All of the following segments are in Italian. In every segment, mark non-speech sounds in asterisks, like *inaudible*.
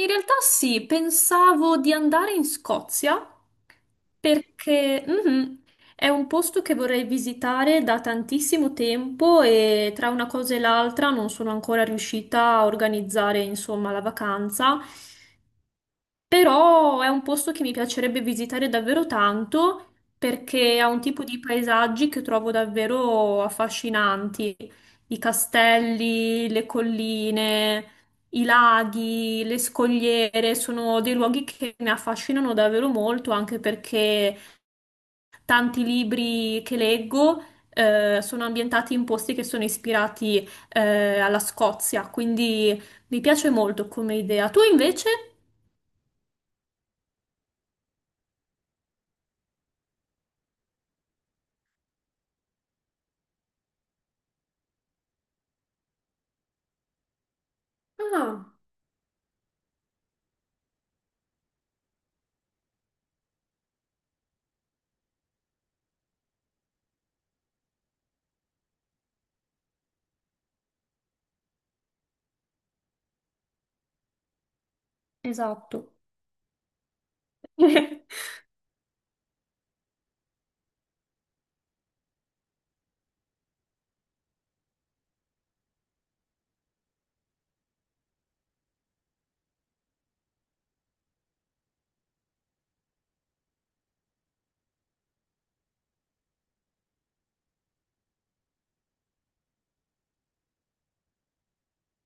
In realtà sì, pensavo di andare in Scozia perché è un posto che vorrei visitare da tantissimo tempo e tra una cosa e l'altra non sono ancora riuscita a organizzare, insomma, la vacanza. Però è un posto che mi piacerebbe visitare davvero tanto perché ha un tipo di paesaggi che trovo davvero affascinanti. I castelli, le colline, i laghi, le scogliere sono dei luoghi che mi affascinano davvero molto, anche perché tanti libri che leggo, sono ambientati in posti che sono ispirati, alla Scozia, quindi mi piace molto come idea. Tu invece? Ah. Esatto. *laughs*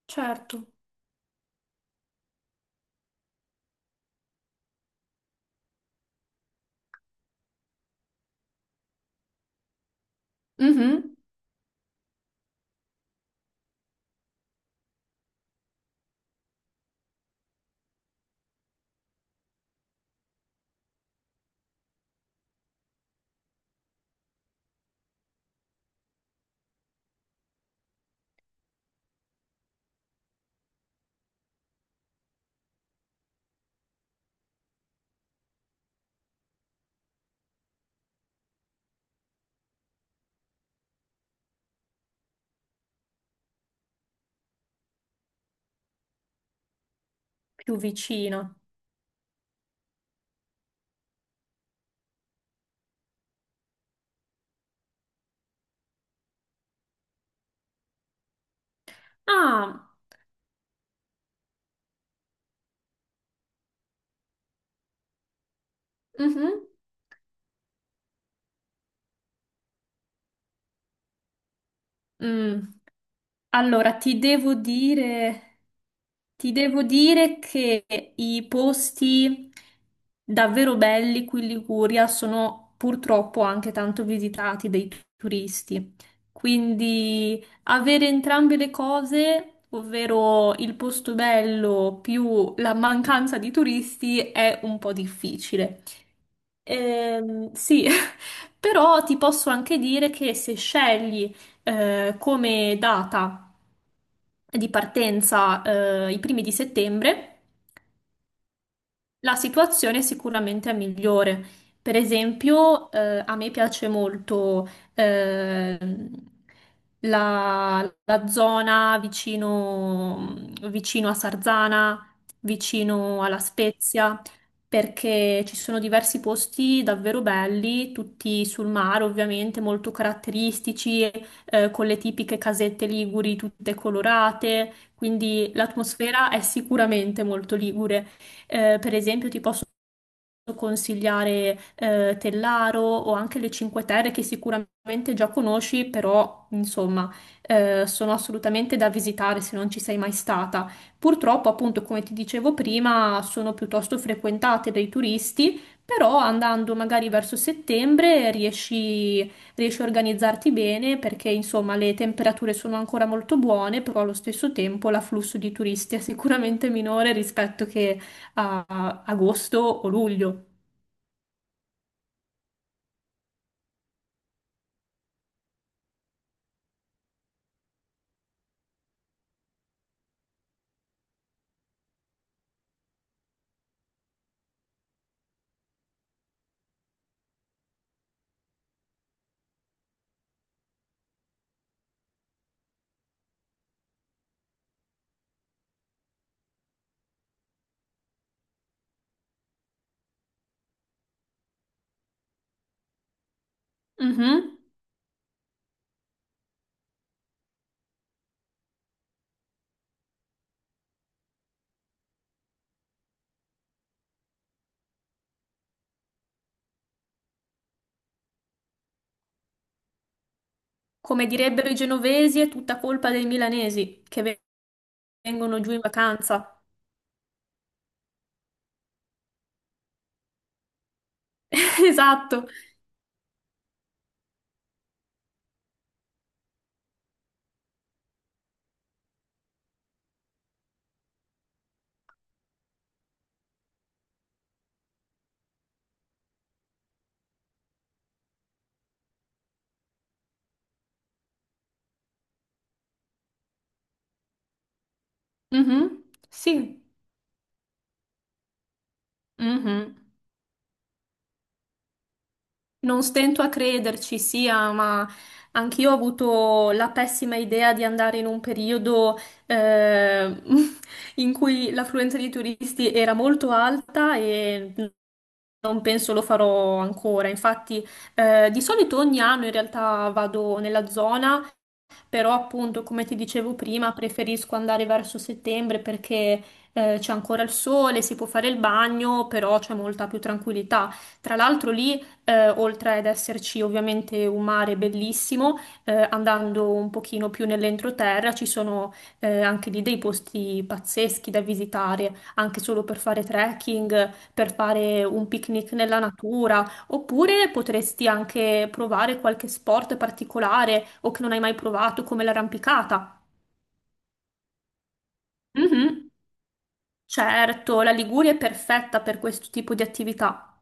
Certo. Mhm. Più vicino. Ah, mhm. Mm, allora, ti devo dire che i posti davvero belli qui in Liguria sono purtroppo anche tanto visitati dai turisti. Quindi avere entrambe le cose, ovvero il posto bello più la mancanza di turisti, è un po' difficile. Sì, *laughs* Però ti posso anche dire che se scegli come data di partenza i primi di settembre, la situazione sicuramente è migliore. Per esempio, a me piace molto ehm, la, la zona vicino, vicino a Sarzana, vicino alla Spezia, perché ci sono diversi posti davvero belli, tutti sul mare ovviamente, molto caratteristici, con le tipiche casette liguri tutte colorate, quindi l'atmosfera è sicuramente molto ligure. Per esempio, ti posso consigliare Tellaro o anche le Cinque Terre che sicuramente già conosci, però insomma sono assolutamente da visitare se non ci sei mai stata. Purtroppo, appunto, come ti dicevo prima, sono piuttosto frequentate dai turisti, però andando magari verso settembre riesci, riesci a organizzarti bene perché insomma le temperature sono ancora molto buone, però allo stesso tempo l'afflusso di turisti è sicuramente minore rispetto che a agosto o luglio. Mhm. Come direbbero i genovesi, è tutta colpa dei milanesi che vengono giù in vacanza. *laughs* Esatto. Mhm. Sì. Mhm. Non stento a crederci, sia, ma anch'io ho avuto la pessima idea di andare in un periodo eh, *laughs* in cui l'affluenza di turisti era molto alta e non penso lo farò ancora. Infatti, di solito ogni anno in realtà vado nella zona, però appunto, come ti dicevo prima, preferisco andare verso settembre perché c'è ancora il sole, si può fare il bagno, però c'è molta più tranquillità. Tra l'altro lì, oltre ad esserci ovviamente un mare bellissimo, andando un pochino più nell'entroterra, ci sono anche lì dei posti pazzeschi da visitare, anche solo per fare trekking, per fare un picnic nella natura. Oppure potresti anche provare qualche sport particolare o che non hai mai provato, come l'arrampicata. Mhm. Certo, la Liguria è perfetta per questo tipo di attività.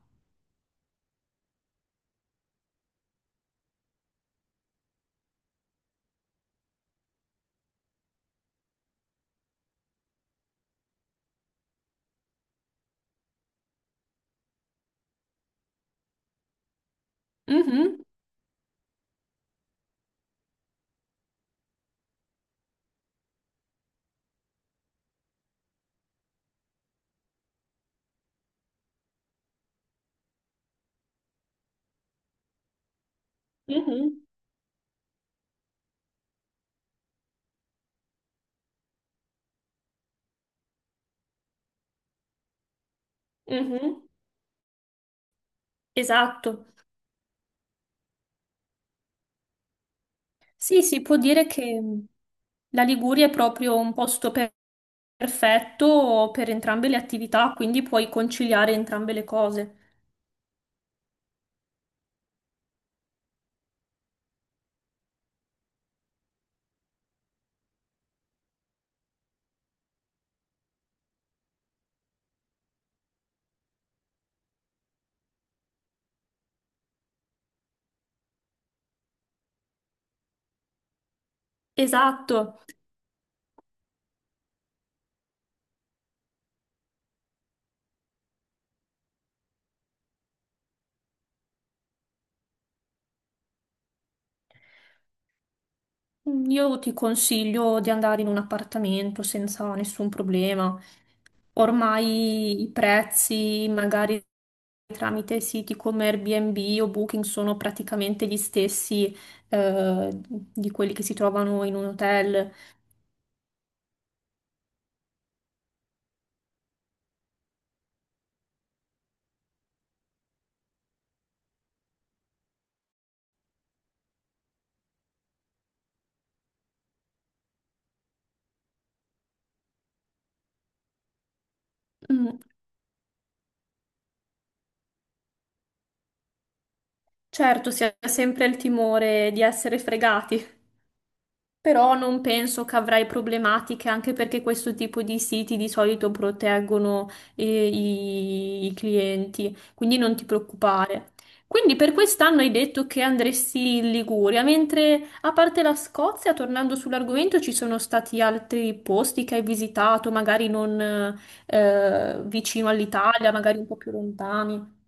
Mhm, mhm, mhm. Esatto. Sì, si può dire che la Liguria è proprio perfetto per entrambe le attività, quindi puoi conciliare entrambe le cose. Esatto. Io ti consiglio di andare in un appartamento senza nessun problema. Ormai i prezzi, magari tramite siti come Airbnb o Booking, sono praticamente gli stessi, di quelli che si trovano in un hotel. Mm, certo, si ha sempre il timore di essere fregati. Però non penso che avrai problematiche, anche perché questo tipo di siti di solito proteggono i, i clienti, quindi non ti preoccupare. Quindi per quest'anno hai detto che andresti in Liguria, mentre a parte la Scozia, tornando sull'argomento, ci sono stati altri posti che hai visitato, magari non vicino all'Italia, magari un po' più lontani.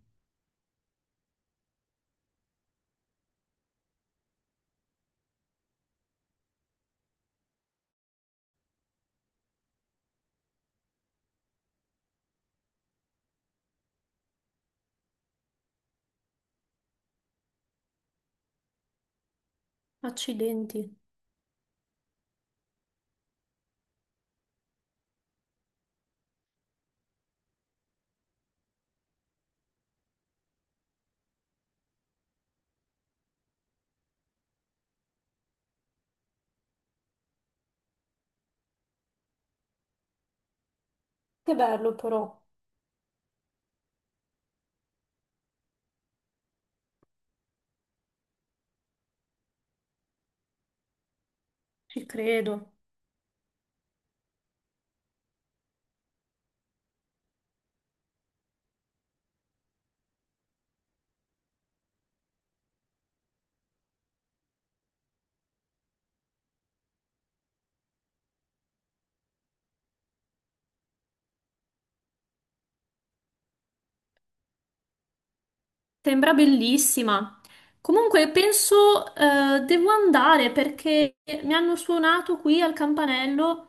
Accidenti, che bello però, ci credo. Sembra bellissima. Comunque penso devo andare perché mi hanno suonato qui al campanello.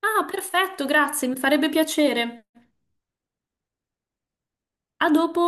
Ah, perfetto, grazie, mi farebbe piacere. A dopo.